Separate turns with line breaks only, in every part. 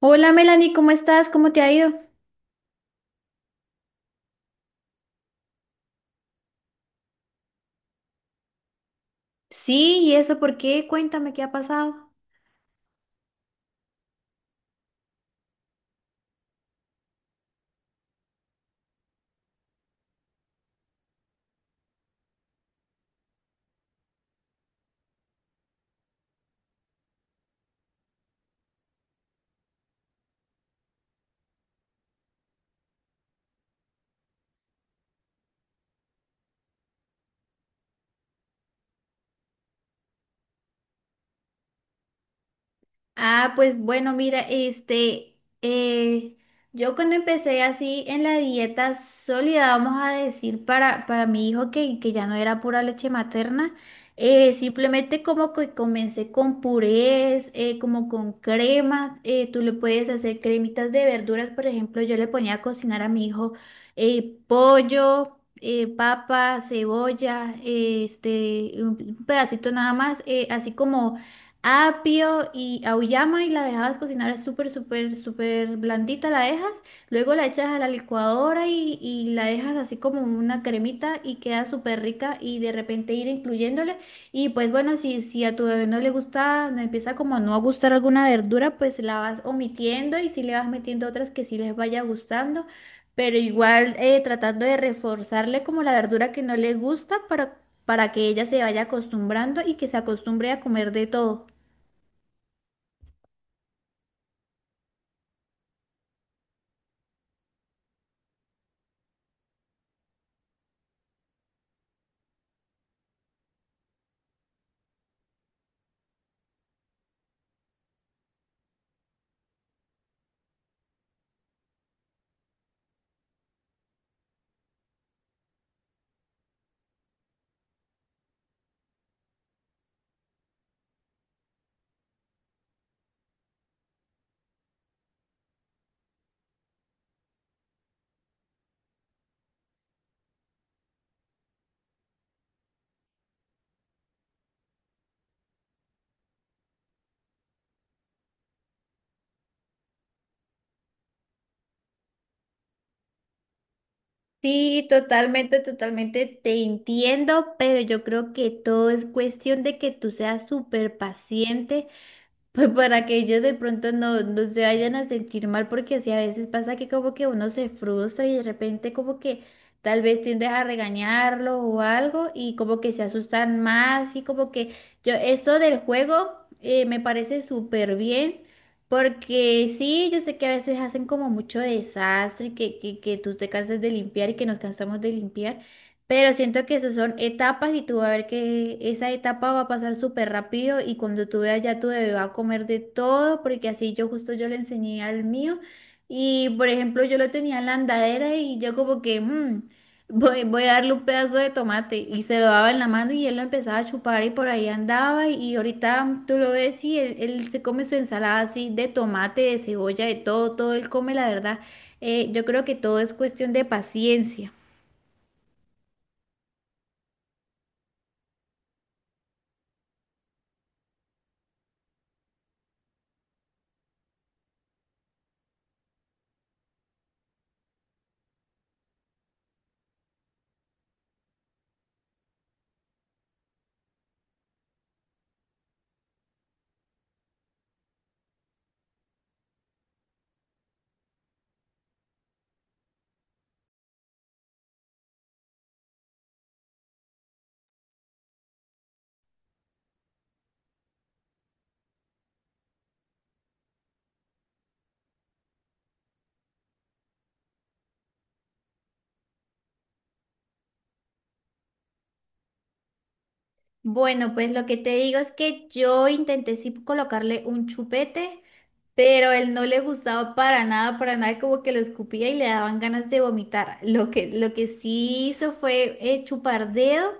Hola Melanie, ¿cómo estás? ¿Cómo te ha ido? Sí, ¿y eso por qué? Cuéntame qué ha pasado. Ah, pues bueno, mira, yo cuando empecé así en la dieta sólida, vamos a decir, para mi hijo que ya no era pura leche materna, simplemente como que comencé con purés, como con cremas, tú le puedes hacer cremitas de verduras, por ejemplo, yo le ponía a cocinar a mi hijo pollo, papa, cebolla, un pedacito nada más, así como apio y auyama y la dejabas cocinar súper, súper, súper blandita, la dejas, luego la echas a la licuadora y la dejas así como una cremita y queda súper rica y de repente ir incluyéndole y pues bueno, si a tu bebé no le gusta, no empieza como a no gustar alguna verdura, pues la vas omitiendo y si le vas metiendo otras que sí les vaya gustando. Pero igual tratando de reforzarle como la verdura que no le gusta para que ella se vaya acostumbrando y que se acostumbre a comer de todo. Sí, totalmente, totalmente te entiendo, pero yo creo que todo es cuestión de que tú seas súper paciente pues para que ellos de pronto no, no se vayan a sentir mal, porque sí a veces pasa que como que uno se frustra y de repente como que tal vez tiendes a regañarlo o algo y como que se asustan más y como que yo, eso del juego me parece súper bien, porque sí, yo sé que a veces hacen como mucho desastre, que tú te cansas de limpiar y que nos cansamos de limpiar. Pero siento que esas son etapas y tú vas a ver que esa etapa va a pasar súper rápido y cuando tú veas ya tu bebé va a comer de todo porque así yo justo yo le enseñé al mío y por ejemplo yo lo tenía en la andadera y yo como que voy a darle un pedazo de tomate y se lo daba en la mano y él lo empezaba a chupar y por ahí andaba y ahorita tú lo ves y él se come su ensalada así de tomate, de cebolla, de todo, todo él come la verdad. Yo creo que todo es cuestión de paciencia. Bueno, pues lo que te digo es que yo intenté sí colocarle un chupete, pero él no le gustaba para nada, como que lo escupía y le daban ganas de vomitar. Lo que sí hizo fue chupar dedo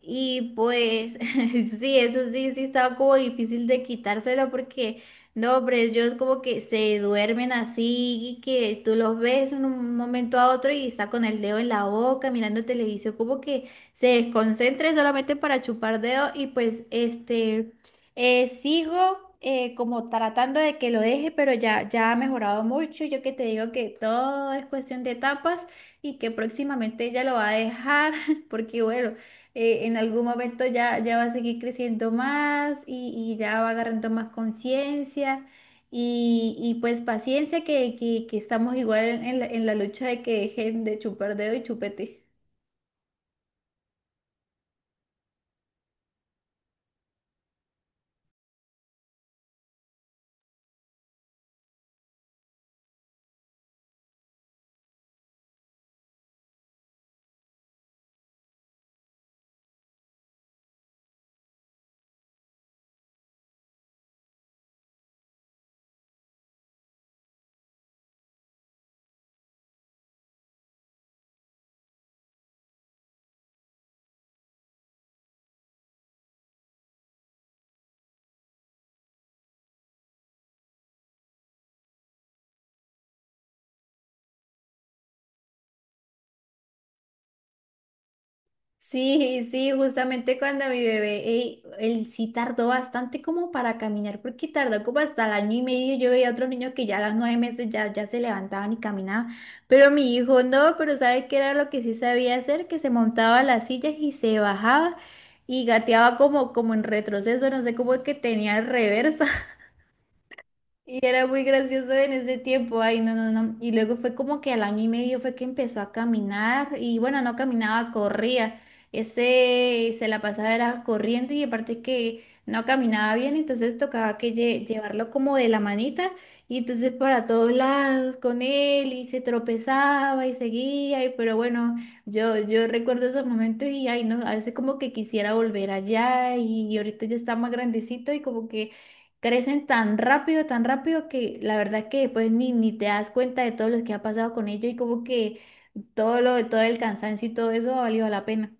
y pues sí, eso sí, sí estaba como difícil de quitárselo porque no, hombre, ellos como que se duermen así y que tú los ves en un momento a otro y está con el dedo en la boca mirando televisión, como que se desconcentra solamente para chupar dedo y pues Sigo como tratando de que lo deje, pero ya ha mejorado mucho. Yo que te digo que todo es cuestión de etapas y que próximamente ella lo va a dejar, porque bueno, en algún momento ya va a seguir creciendo más y ya va agarrando más conciencia y pues paciencia que estamos igual en en la lucha de que dejen de chupar dedo y chupete. Sí, sí, justamente cuando mi bebé, él sí tardó bastante como para caminar, porque tardó como hasta el año y medio. Yo veía a otros niños que ya a los nueve meses ya se levantaban y caminaban, pero mi hijo no, pero ¿sabe qué era lo que sí sabía hacer? Que se montaba a las sillas y se bajaba y gateaba como en retroceso, no sé cómo es que tenía el reverso. Y era muy gracioso en ese tiempo, ay, no, no, no. Y luego fue como que al año y medio fue que empezó a caminar y bueno, no caminaba, corría. Ese se la pasaba era corriendo y aparte que no caminaba bien, entonces tocaba que llevarlo como de la manita y entonces para todos lados con él y se tropezaba y seguía, pero bueno, yo recuerdo esos momentos y ay, no, a veces como que quisiera volver allá y ahorita ya está más grandecito y como que... Crecen tan rápido que la verdad que pues ni te das cuenta de todo lo que ha pasado con ellos y como que todo el cansancio y todo eso ha valido la pena.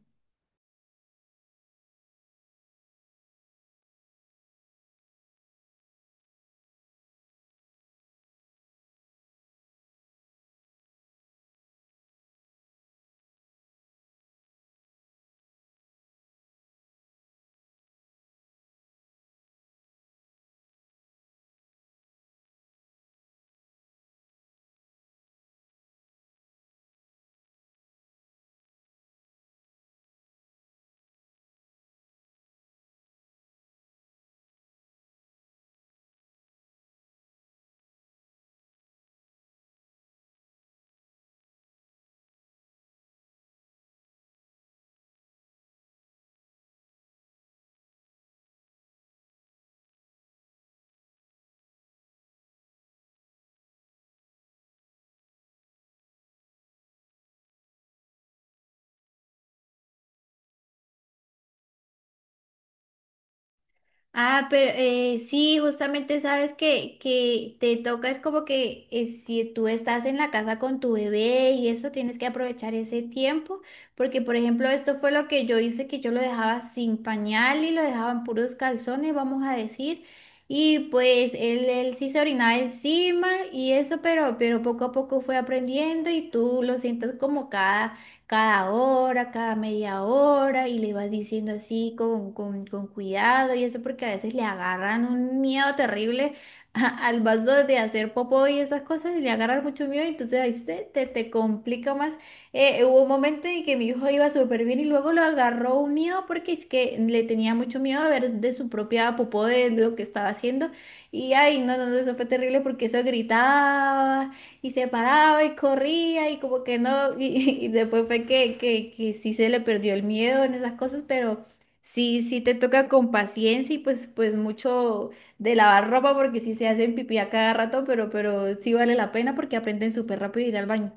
Ah, pero sí, justamente sabes que te toca, es como que si tú estás en la casa con tu bebé y eso, tienes que aprovechar ese tiempo, porque por ejemplo, esto fue lo que yo hice, que yo lo dejaba sin pañal y lo dejaba en puros calzones, vamos a decir, y pues él sí se orinaba encima y eso, pero poco a poco fue aprendiendo y tú lo sientas como cada hora, cada media hora y le vas diciendo así con cuidado y eso porque a veces le agarran un miedo terrible al vaso de hacer popó y esas cosas y le agarran mucho miedo y entonces ahí te complica más. Hubo un momento en que mi hijo iba súper bien y luego lo agarró un miedo porque es que le tenía mucho miedo a ver de su propia popó de lo que estaba haciendo y ay, no, no, no, eso fue terrible porque eso gritaba. Y se paraba y corría y como que no, y después fue que sí se le perdió el miedo en esas cosas, pero sí, sí te toca con paciencia y pues mucho de lavar ropa porque sí se hacen pipí a cada rato, pero sí vale la pena porque aprenden súper rápido a ir al baño.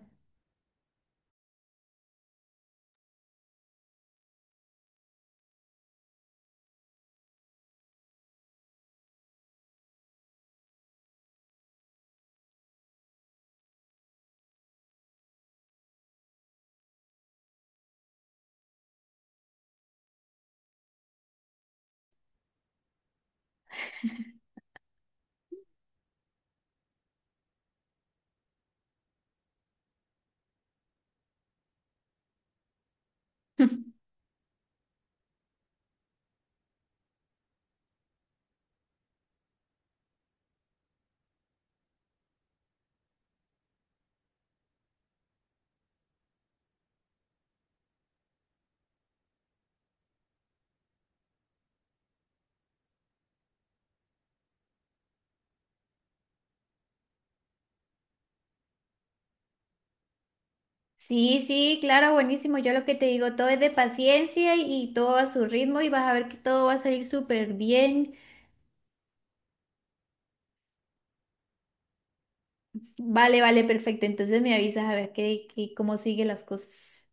Sí, sí, claro, buenísimo. Yo lo que te digo, todo es de paciencia y todo a su ritmo y vas a ver que todo va a salir súper bien. Vale, vale, perfecto. Entonces me avisas a ver qué, cómo siguen las cosas.